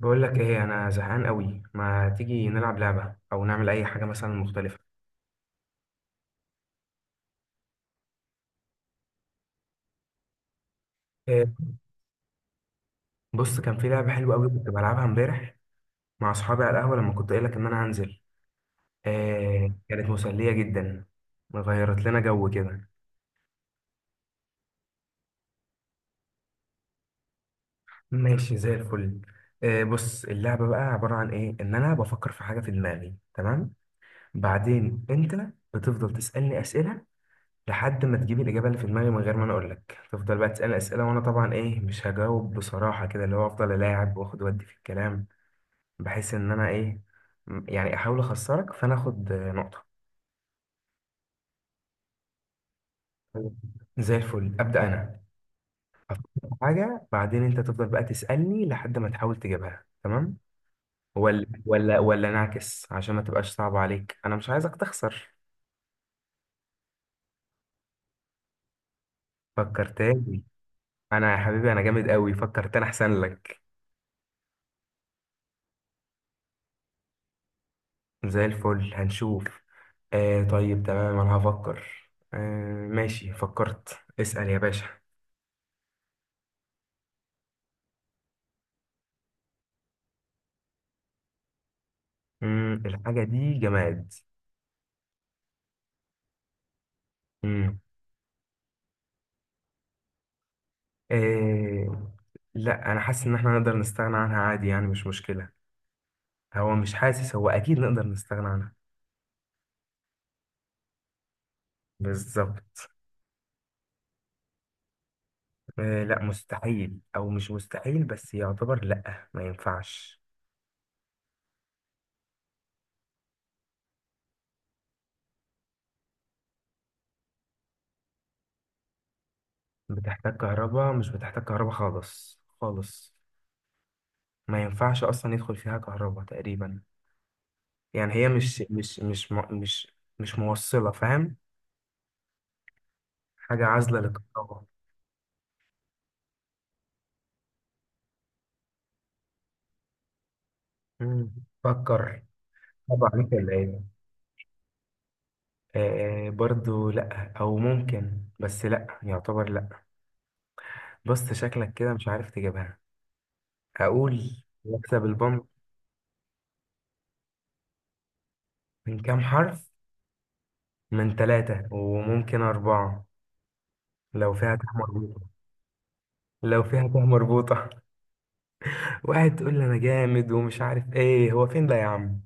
بقول لك ايه، انا زهقان قوي، ما تيجي نلعب لعبه او نعمل اي حاجه مثلا مختلفه؟ إيه. بص كان في لعبه حلوه قوي كنت بلعبها امبارح مع اصحابي على القهوه لما كنت قايل لك ان انا هنزل. إيه، كانت مسليه جدا. غيرت لنا جو كده. ماشي، زي الفل. إيه، بص اللعبه بقى عباره عن ايه، ان انا بفكر في حاجه في دماغي، تمام. بعدين انت بتفضل تسالني اسئله، لحد ما تجيب الإجابة اللي في دماغي من غير ما أنا أقولك. تفضل بقى تسألني أسئلة، وأنا طبعا إيه مش هجاوب بصراحة، كده اللي هو أفضل ألاعب وآخد وأدي في الكلام، بحيث إن أنا إيه، يعني أحاول أخسرك، فأنا آخد نقطة. طيب. زي الفل، أبدأ أنا. أفكر في حاجة، بعدين أنت تفضل بقى تسألني لحد ما تحاول تجيبها، تمام. ولا نعكس عشان ما تبقاش صعبة عليك، أنا مش عايزك تخسر. فكر تاني. أنا يا حبيبي، أنا جامد أوي، فكر تاني أحسن لك. زي الفل، هنشوف. آه طيب، تمام، انا هفكر. آه ماشي، فكرت، اسأل يا باشا. الحاجة دي جماد. مم. آه، لا انا حاسس ان احنا نقدر نستغنى عنها عادي، يعني مش مشكلة. هو مش حاسس، هو اكيد نقدر نستغنى عنها. بالظبط. آه، لا مستحيل او مش مستحيل، بس يعتبر لا، ما ينفعش. بتحتاج كهرباء؟ مش بتحتاج كهرباء خالص خالص. ما ينفعش اصلا يدخل فيها كهرباء تقريبا. يعني هي مش موصلة، فاهم؟ حاجة عازلة للكهرباء. مم. فكر. طبعا انت اللي قايله. آه برضو لا، او ممكن، بس لا يعتبر لا. بص، شكلك كده مش عارف تجيبها. اقول يكسب البنك. من كام حرف؟ من ثلاثة، وممكن أربعة لو فيها تاء مربوطة. لو فيها تاء مربوطة. واحد تقول لي أنا جامد ومش عارف إيه، هو فين ده يا عم؟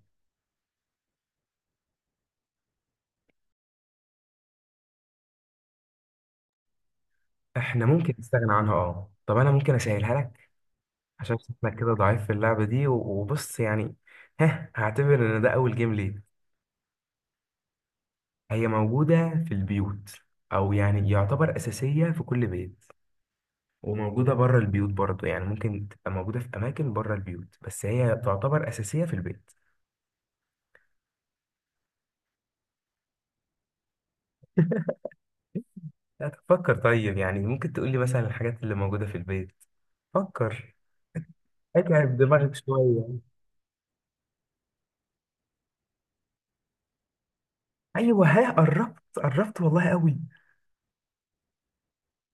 إحنا ممكن نستغنى عنها. أه، طب أنا ممكن أسهلها لك عشان شكلك كده ضعيف في اللعبة دي، وبص يعني. ها، هعتبر إن ده أول جيم ليه. هي موجودة في البيوت، أو يعني يعتبر أساسية في كل بيت، وموجودة بره البيوت برضه، يعني ممكن تبقى موجودة في أماكن بره البيوت، بس هي تعتبر أساسية في البيت. لا، تفكر، طيب يعني ممكن تقولي مثلا الحاجات اللي موجودة في البيت. فكر. اتعب دماغك شوية. أيوه، ها، قربت قربت والله قوي.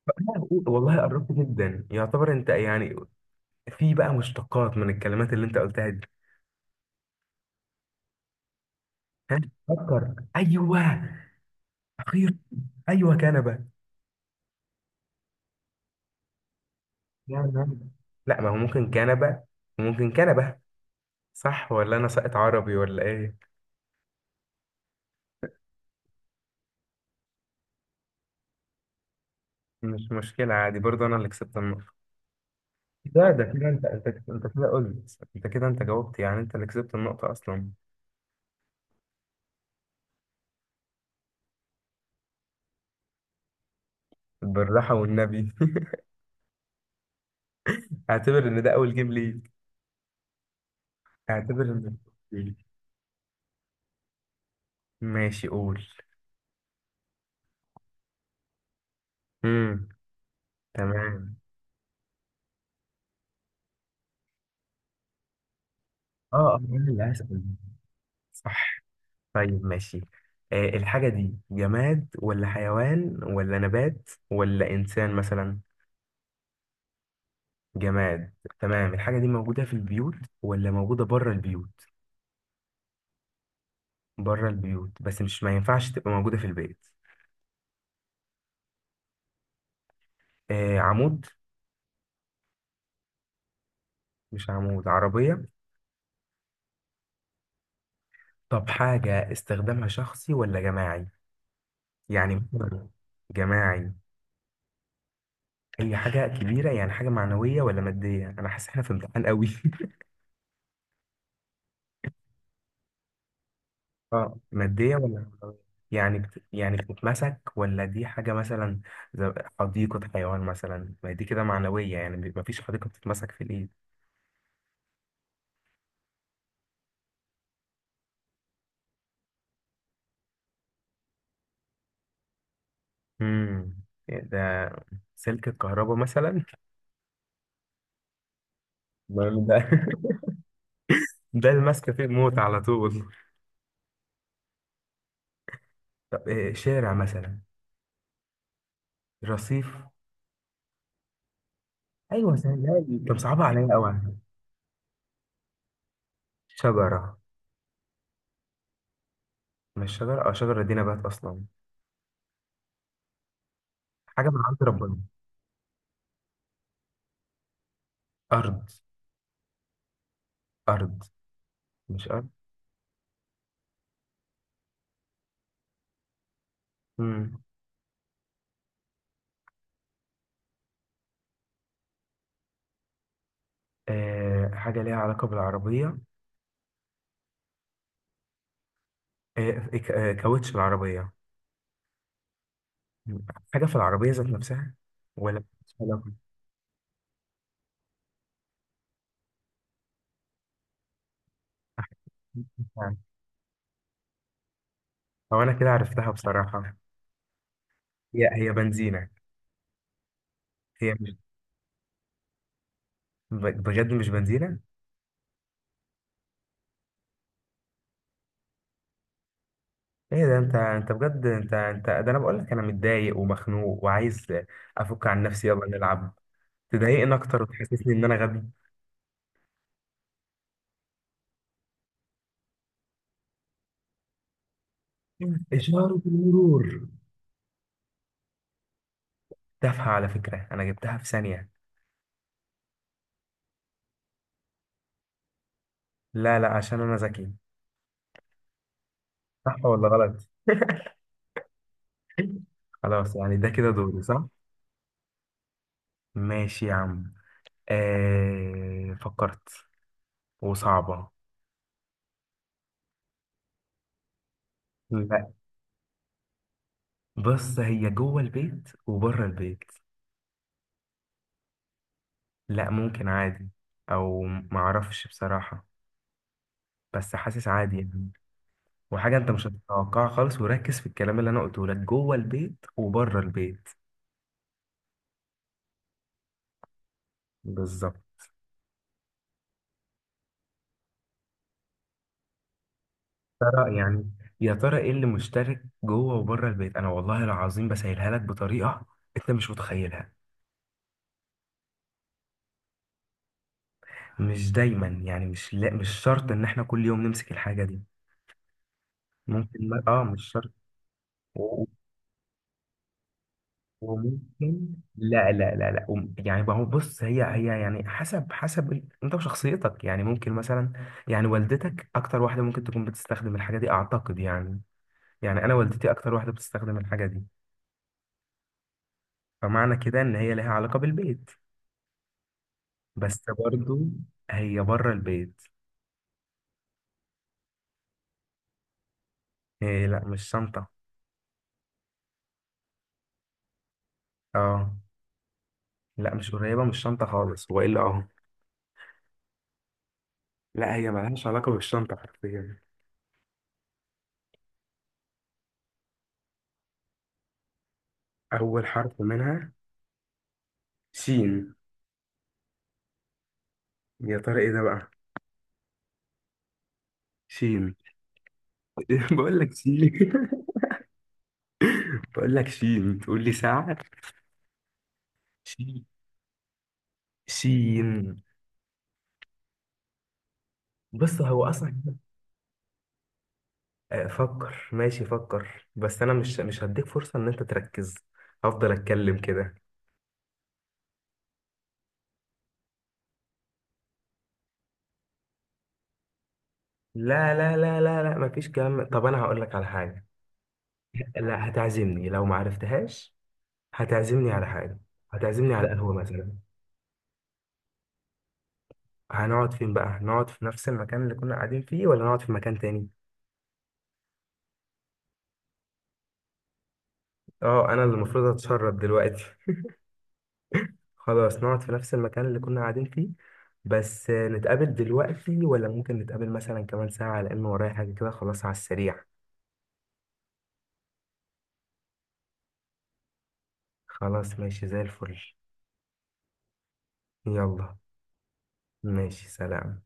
ها. والله قربت جدا، يعتبر، أنت يعني، في بقى مشتقات من الكلمات اللي انت قلتها دي. ها. فكر، ايوه. اخيرا. ايوه، كنبه. يا نهار. لا، ما هو ممكن كنبه، وممكن كنبه. صح، ولا انا ساقط عربي ولا ايه؟ مش مشكله، عادي برضه، انا اللي كسبت النقطه. ده كده، انت كده قلت، انت كده انت جاوبت، يعني انت اللي كسبت النقطه اصلا. بالراحه والنبي. اعتبر ان ده اول جيم ليك. اعتبر ان. ماشي، قول. امم تمام. اه اه، انا اللي هسأل، صح. طيب ماشي. آه، الحاجة دي جماد ولا حيوان ولا نبات ولا إنسان مثلا؟ جماد. تمام، الحاجة دي موجودة في البيوت، ولا موجودة بره البيوت؟ بره البيوت، بس مش، ما ينفعش تبقى موجودة في البيت. آه، عمود؟ مش عمود عربية؟ طب حاجة استخدامها شخصي ولا جماعي؟ يعني مثلاً. جماعي؟ هي حاجة كبيرة، يعني حاجة معنوية ولا مادية؟ أنا حاسس إحنا في امتحان قوي. اه، مادية ولا معنوية؟ يعني بتتمسك، ولا دي حاجة مثلا زي حديقة حيوان مثلا، ما دي كده معنوية، يعني ما فيش حديقة بتتمسك في الإيد. امم ده سلك الكهرباء مثلا؟ ما ده، ده المسكة فيه الموت على طول. طب إيه، شارع مثلا؟ رصيف؟ ايوه، سهلة لي. طب صعبة عليا قوي. شجرة؟ مش شجرة. اه، شجرة دي نبات أصلا. حاجة من عند ربنا. أرض؟ أرض. مش أرض؟ مم. آه، حاجة ليها علاقة بالعربية؟ كاوتش العربية؟ حاجة في العربية ذات نفسها، ولا مش علاقة؟ أو أنا كده عرفتها بصراحة. هي بنزينة. هي مش، بجد مش بنزينة. إيه ده! أنت بجد، أنت ده أنا بقول لك أنا متضايق ومخنوق وعايز أفك عن نفسي، يلا نلعب. تضايقني أكتر وتحسسني إن أنا غبي. إشارة المرور! تافهة، على فكرة أنا جبتها في ثانية. لا لا، عشان أنا ذكي. صح ولا غلط؟ خلاص، يعني ده كده دوري، صح؟ ماشي يا عم. آه، فكرت، وصعبة. لا، بص هي جوه البيت وبره البيت. لا، ممكن عادي، او معرفش بصراحة، بس حاسس عادي يعني. وحاجة انت مش هتتوقعها خالص، وركز في الكلام اللي انا قلته لك، جوه البيت وبره البيت. بالظبط. ترى يعني، يا ترى ايه اللي مشترك جوه وبره البيت؟ انا والله العظيم بسهلها لك بطريقة انت مش متخيلها. مش دايما يعني، مش لا، مش شرط ان احنا كل يوم نمسك الحاجه دي. ممكن مش شرط. و- وممكن. لا لا لا لا، يعني ما هو، بص هي يعني، حسب انت وشخصيتك، يعني ممكن مثلا، يعني والدتك اكتر واحده ممكن تكون بتستخدم الحاجه دي، اعتقد يعني. يعني انا والدتي اكتر واحده بتستخدم الحاجه دي، فمعنى كده ان هي لها علاقه بالبيت، بس برضو هي بره البيت. إيه؟ لا، مش شنطه. اه، لا مش قريبه، مش شنطه خالص، والا اه. لا، هي ملهاش علاقة بالشنطة حرفيا. أول حرف منها. سين. يا ترى إيه ده بقى؟ سين. بقول لك سين. بقول لك سين، تقول لي ساعة. سين. سين. بص هو أصلا. آه، فكر ماشي، فكر، بس أنا مش هديك فرصة إن أنت تركز. هفضل أتكلم كده. لا لا لا لا لا، مفيش كلام. طب أنا هقول لك على حاجة. لا، هتعزمني لو ما عرفتهاش. هتعزمني على حاجة. هتعزمني على قهوة مثلا. هنقعد فين بقى؟ هنقعد في نفس المكان اللي كنا قاعدين فيه، ولا نقعد في مكان تاني؟ اه، انا اللي المفروض اتشرد دلوقتي. خلاص، نقعد في نفس المكان اللي كنا قاعدين فيه. بس نتقابل دلوقتي، ولا ممكن نتقابل مثلا كمان ساعة، لأن ورايا حاجة كده خلاص، على السريع. خلاص ماشي، زي الفل. يلا. ماشي، سلام.